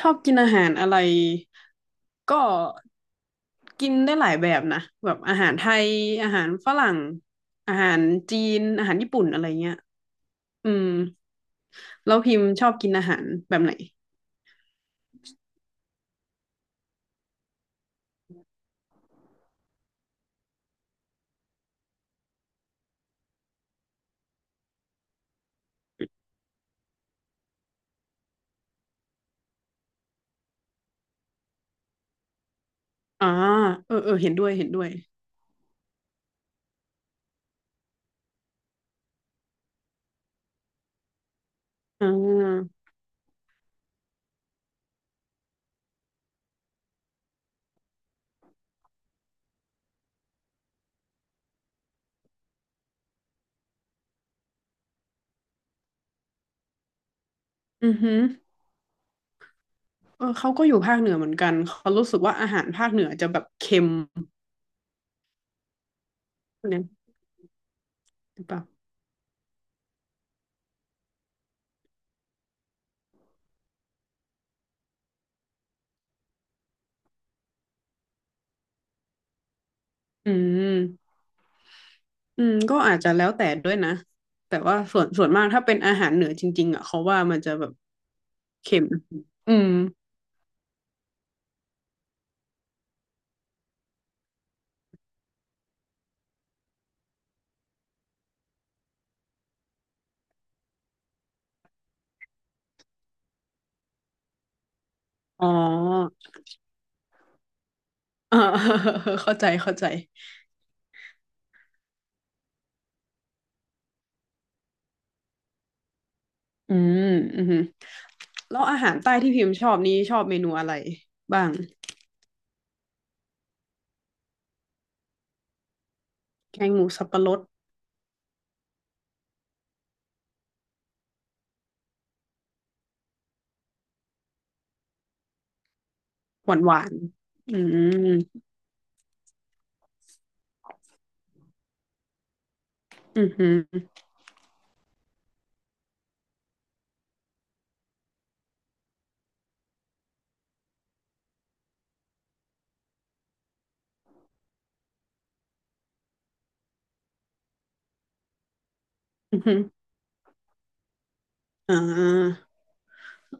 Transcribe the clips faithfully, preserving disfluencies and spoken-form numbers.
ชอบกินอาหารอะไรก็กินได้หลายแบบนะแบบอาหารไทยอาหารฝรั่งอาหารจีนอาหารญี่ปุ่นอะไรเงี้ยอืมแล้วพิมพ์ชอบกินอาหารแบบไหนอ่าเออเออเห็นด้วยเห็นด้วยอ่าอือหือเออเขาก็อยู่ภาคเหนือเหมือนกันเขารู้สึกว่าอาหารภาคเหนือจะแบบเค็มเนี่ยหรือเปล่าอืมอืมก็อาจจะแล้วแต่ด้วยนะแต่ว่าส่วนส่วนมากถ้าเป็นอาหารเหนือจริงๆอ่ะเขาว่ามันจะแบบเค็มอืมอ๋อ เออ เข้าใจเข้าใจอืมอืมแล้วอาหารใต้ที่พิมพ์ชอบนี้ชอบเมนูอะไรบ้าง แกงหมูสับปะรดหวานหวานอืมอืมอืมอืมอ่า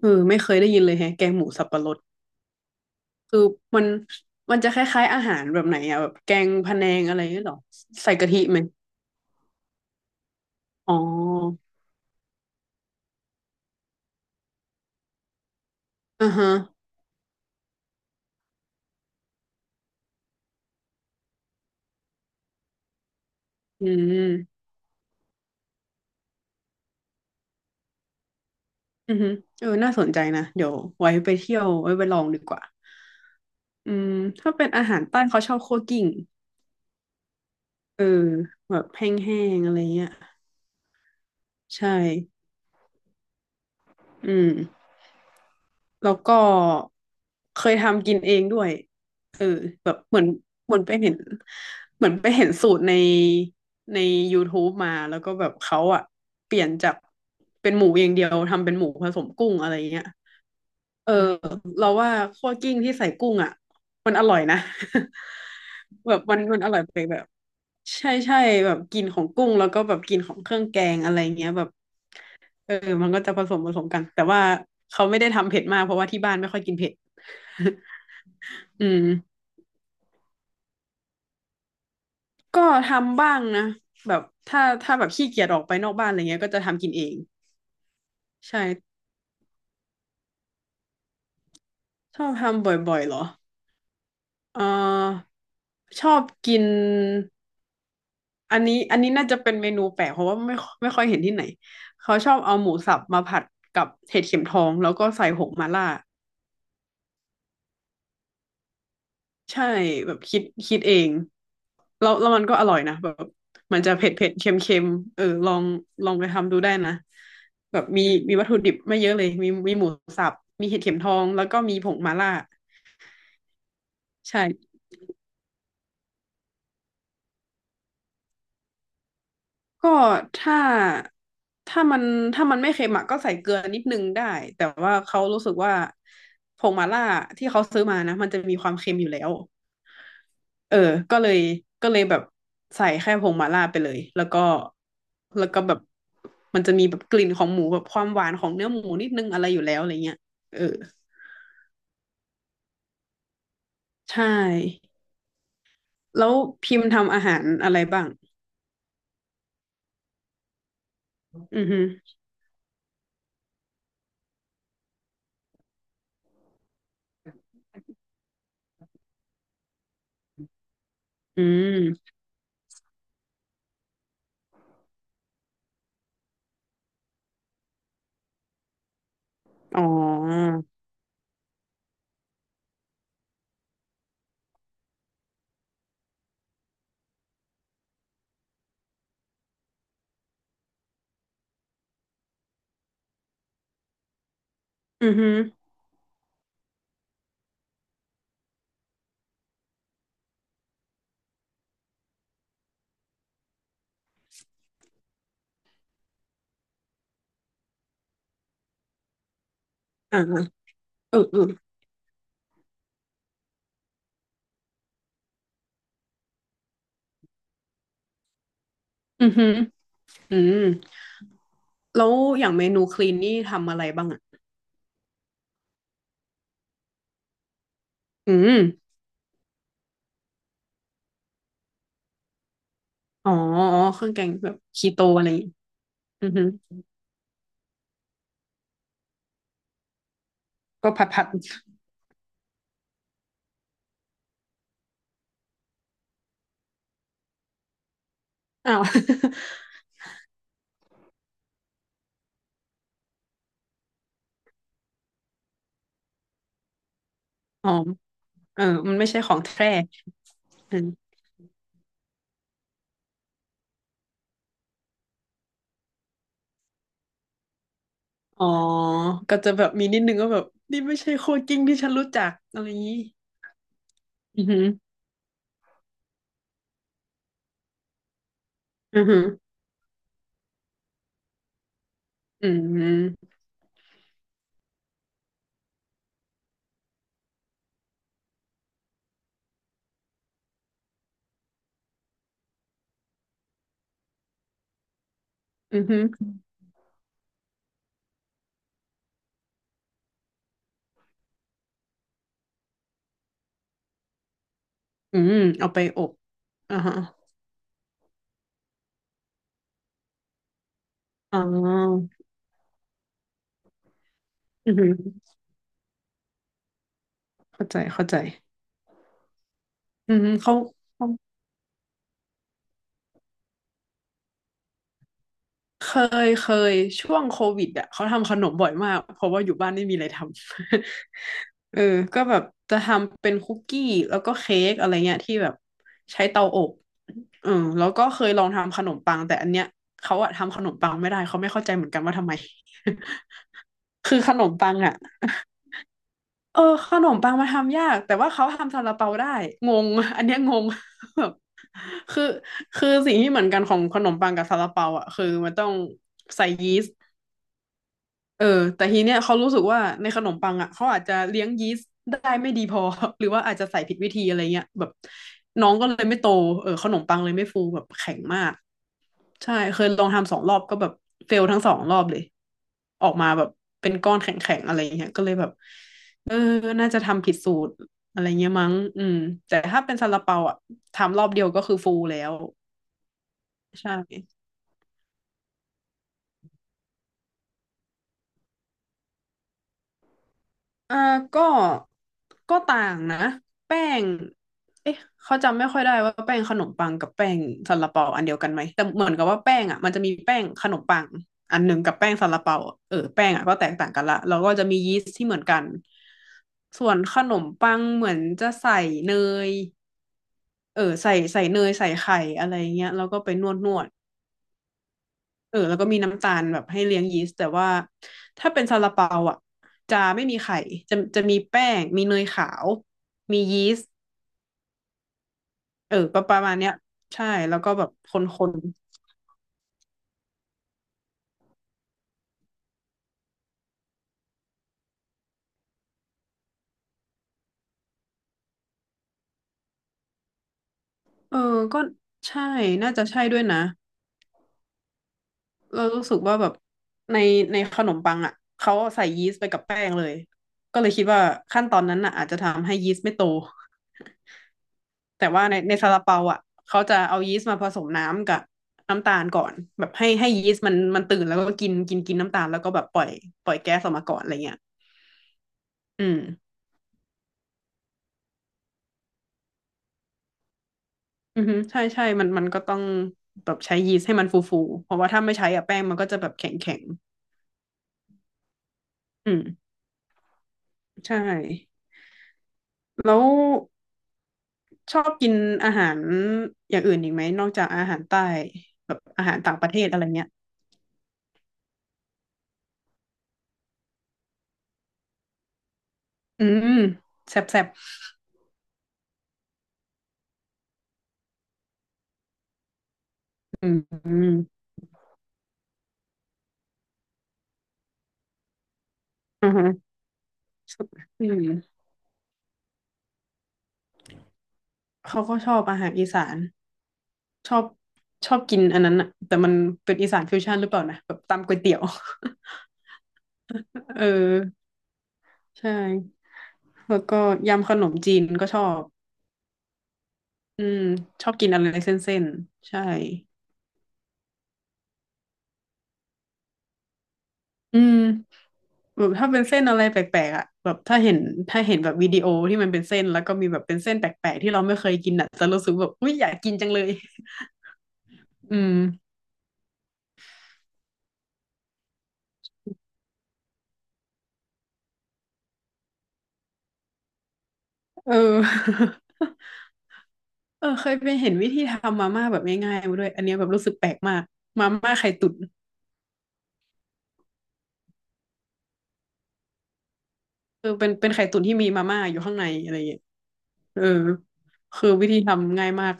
เออไม่เคยได้ยินเลยแฮะแกงหมูสับปะรดคือมันมันจะคล้ายๆอาหารแบบไหนอะแบบแกงพะแนงอะไรหรีอหรอใส่กะทิไหมอ๋ออ่าฮะอืมอืมเออน่าสนใจนะเดี๋ยวไว้ไปเที่ยวไว้ไปลองดีกว่าอืมถ้าเป็นอาหารใต้เขาชอบคั่วกลิ้ง เออแบบแห้งๆอะไรเงี้ยใช่อืมแล้วก็เคยทำกินเองด้วยเออแบบเหมือนเหมือนไปเห็นเหมือนไปเห็นสูตรในใน ยูทูบ มาแล้วก็แบบเขาอะเปลี่ยนจากเป็นหมูอย่างเดียวทำเป็นหมูผสมกุ้งอะไรเงี้ยเออเราว่าคั่วกลิ้งที่ใส่กุ้งอะมันอร่อยนะ แบบมันมันอร่อยไปแบบใช่ใช่แบบกินของกุ้งแล้วก็แบบกินของเครื่องแกงอะไรเงี้ยแบบ เออมันก็จะผสมผสมกัน แต่ว่าเขาไม่ได้ทำเผ็ดมากเพราะว่าที่บ้านไม่ค่อยกินเผ็ด อืม ก็ทำบ้างนะ แบบถ้าถ้าแบบขี้เกียจออกไปนอกบ้านอะไรเงี้ยก็จะทำกินเอง ใช่ชอบทำบ่อยๆเหรอเออชอบกินอันนี้อันนี้น่าจะเป็นเมนูแปลกเพราะว่าไม่ไม่ค่อยเห็นที่ไหนเขาชอบเอาหมูสับมาผัดกับเห็ดเข็มทองแล้วก็ใส่ผงมาล่า ใช่แบบคิดคิดเองแล้วแล้วมันก็อร่อยนะแบบมันจะเผ็ดเผ็ดเค็มเค็มเออลองลองไปทำดูได้นะแบบมีมีวัตถุดิบไม่เยอะเลยมีมีหมูสับมีเห็ดเข็มทองแล้วก็มีผงมาล่าใช่ก็ถ้าถ้ามันถ้ามันไม่เค็มอะก็ใส่เกลือนิดนึงได้แต่ว่าเขารู้สึกว่าผงมาล่าที่เขาซื้อมานะมันจะมีความเค็มอยู่แล้ว เออ ก็เลยก็เลยแบบใส่แค่ผงมาล่าไปเลย แล้วก็แล้วก็แบบมันจะมีแบบกลิ่นของหมูแบบความหวานของเนื้อหมูนิดนึงอะไรอยู่แล้วอะไรเงี้ยเออใช่ แล้วพิมพ์ทำอาหารอะไรบ้างอือฮึอืมอ๋ออือฮึอ่าเออเอออือฮึอืมแล้วอย่างเมนูคลีนนี่ทำอะไรบ้างอ่ะอืมอ๋ออ๋อเครื่องแกงแบบคีโตอะไรอย่างงี้อือฮึก็ผัดผัดอ้าว อ๋อ เออ มันไม่ใช่ของแท้เอออ๋อ ก็จะแบบมีนิดนึงก็แบบนี่ไม่ใช่โคกิ้งที่ฉันรู้จักอะไรอย่างนี้ อือหืออือหืออืมอือหืออืมเอาไปอบอ่าฮะอ๋อ อือหือเข้าใจเข้าใจ อือหือเขาเขา เคยเคยช่วงโควิดอ่ะเขาทำขนมบ่อยมากเพราะว่าอยู่บ้านไม่มีอะไรทำ เออก็แบบจะทำเป็นคุกกี้แล้วก็เค้กอะไรเงี้ยที่แบบใช้เตาอบเออแล้วก็เคยลองทำขนมปังแต่อันเนี้ยเขาอะทำขนมปังไม่ได้เขาไม่เข้าใจเหมือนกันว่าทำไม คือขนมปังอะเออขนมปังมาทำยากแต่ว่าเขาทำซาลาเปาได้งงอันเนี้ยงง แบบคือคือสิ่งที่เหมือนกันของขนมปังกับซาลาเปาอ่ะคือมันต้องใส่ยีสต์ เออแต่ทีเนี้ยเขารู้สึกว่าในขนมปังอ่ะเขาอาจจะเลี้ยงยีสต์ได้ไม่ดีพอ หรือว่าอาจจะใส่ผิดวิธีอะไรเงี้ยแบบน้องก็เลยไม่โตเออขนมปังเลยไม่ฟูแบบแข็งมากใช่เคยลองทำสองรอบก็แบบเฟลทั้งสองรอบเลยออกมาแบบเป็นก้อนแข็งๆอะไรเงี้ยก็เลยแบบเออน่าจะทำผิดสูตรอะไรเงี้ยมั้งอืมแต่ถ้าเป็นซาลาเปาอ่ะทำรอบเดียวก็คือฟูแล้วใช่ อ่าก็ก็ต่างนะแป้งเอ๊ะเขาจำไม่ค่อยได้ว่าแป้งขนมปังกับแป้งซาลาเปาอันเดียวกันไหมแต่เหมือนกับว่าแป้งอ่ะมันจะมีแป้งขนมปังอันหนึ่งกับแป้งซาลาเปาอะเออแป้งอ่ะก็แตกต่างกันละแล้วก็จะมียีสต์ที่เหมือนกันส่วนขนมปังเหมือนจะใส่เนยเออใส่ใส่เนยใส่ไข่อะไรเงี้ยแล้วก็ไปนวดนวด เออแล้วก็มีน้ำตาลแบบให้เลี้ยงยีสต์แต่ว่าถ้าเป็นซาลาเปาอ่ะจะไม่มีไข่จะจะมีแป้งมีเนยขาวมียีสต์เออประประมาณเนี้ยใช่แล้วก็แบบคนๆเออก็ใช่น่าจะใช่ด้วยนะเรารู้สึกว่าแบบในในขนมปังอ่ะเขาใส่ยีสต์ไปกับแป้งเลยก็เลยคิดว่าขั้นตอนนั้นน่ะอาจจะทำให้ยีสต์ไม่โต แต่ว่าในในซาลาเปาอ่ะเขาจะเอายีสต์มาผสมน้ำกับน้ำตาลก่อนแบบให้ให้ยีสต์มันมันตื่นแล้วก็กินกินกินน้ำตาลแล้วก็แบบปล่อยปล่อยแก๊สออกมาก่อนอะไรเงี้ยอืมอือฮึใช่ใช่มันมันก็ต้องแบบใช้ยีสต์ให้มันฟูฟูเพราะว่าถ้าไม่ใช้อะแป้งมันก็จะแบบแข็งแข็งอืมใช่แล้วชอบกินอาหารอย่างอื่นอีกไหมนอกจากอาหารใต้แบบอาหารต่างประเทศอะไรเงี้ยอืมแซ่บแซ่บอืมอืมอือฮึอืมเขาก็ชอบอาหารอีสาน ชอบชอบกินอันนั้นอะแต่มันเป็นอีสานฟิวชั่นหรือเปล่านะแบบตำก๋วยเตี๋ยว เออใช่แล้วก็ยำขนมจีนก็ชอบอืมชอบกินอะไรเส้นๆใช่อืมแบบถ้าเป็นเส้นอะไรแปลกๆอ่ะแบบถ้าเห็นถ้าเห็นแบบวิดีโอที่มันเป็นเส้นแล้วก็มีแบบเป็นเส้นแปลกๆที่เราไม่เคยกินอ่ะจะรู้สึกแบบอุ้ยอยากกินจังเลยอืมเออ เออเคยไปเห็นวิธีทำมาม่าแบบง่ายๆมาด้วยอันเนี้ยแบบรู้สึกแปลกมากมาม่าไข่ตุ๋น เออเป็นเป็นไข่ตุ๋นที่มีมาม่าอยู่ข้างในอะไรอย่างเงี้ยเออคือวิธีทำง่ายมาก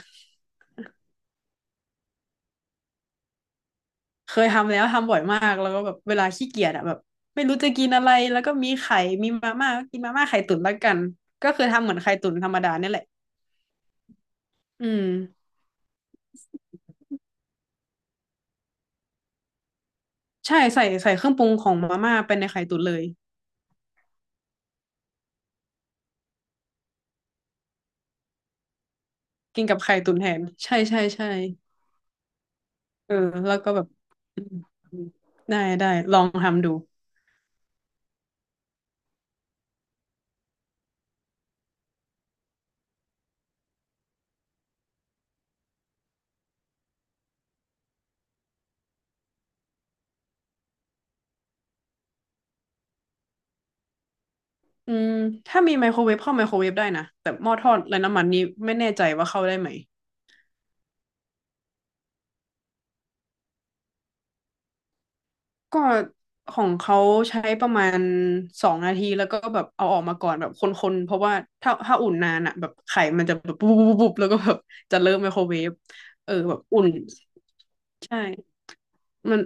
เคยทำแล้วทำบ่อยมากแล้วก็แบบเวลาขี้เกียจอะแบบไม่รู้จะกินอะไรแล้วก็มีไข่มีมาม่าก็กินมาม่าไข่ตุ๋นแล้วกันก็คือทำเหมือนไข่ตุ๋นธรรมดาเนี่ยแหละอืมใช่ใส่ใส่เครื่องปรุงของมาม่าเป็นในไข่ตุ๋นเลยกินกับไข่ตุ๋นแทนใช่ใช่ใช่เออแล้วก็แบบอืมอืมได้ได้ลองทำดูอืมถ้ามีไมโครเวฟเข้าไมโครเวฟได้นะแต่หม้อทอดไร้น้ำมันนี้ไม่แน่ใจว่าเข้าได้ไหม ก็ของเขาใช้ประมาณสองนาทีแล้วก็แบบเอาออกมาก่อนแบบคนๆเพราะว่าถ้าถ้าอุ่นนานอ่ะแบบไข่มันจะแบบปุ๊บปุ๊บปุ๊บแล้วก็แบบจะเริ่มไมโครเวฟเออแบบอุ่นใช่มัน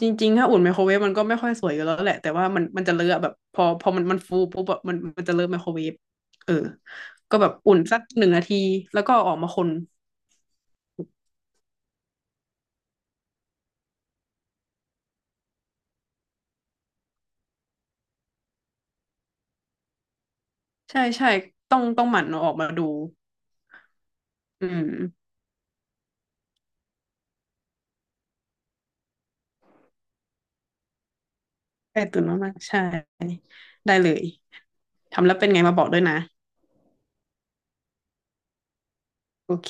จริงๆถ้าอุ่นไมโครเวฟมันก็ไม่ค่อยสวยอยู่แล้วแหละแต่ว่ามันมันจะเลอะแบบพอพอมันมันฟูปุ๊บแบบมันมันจะเริ่มไมโครเวฟเออก็แบบอุ่นสักหนึ่งนาทีแล้วก็เอาออกมาคนใช่ใช่ต้องต้องหมั่นเอาออกมาดูอืมใก่ตุนมากๆใช่ได้เลย ทำแล้วเป็นไงมาบอกด้วยนะโอเค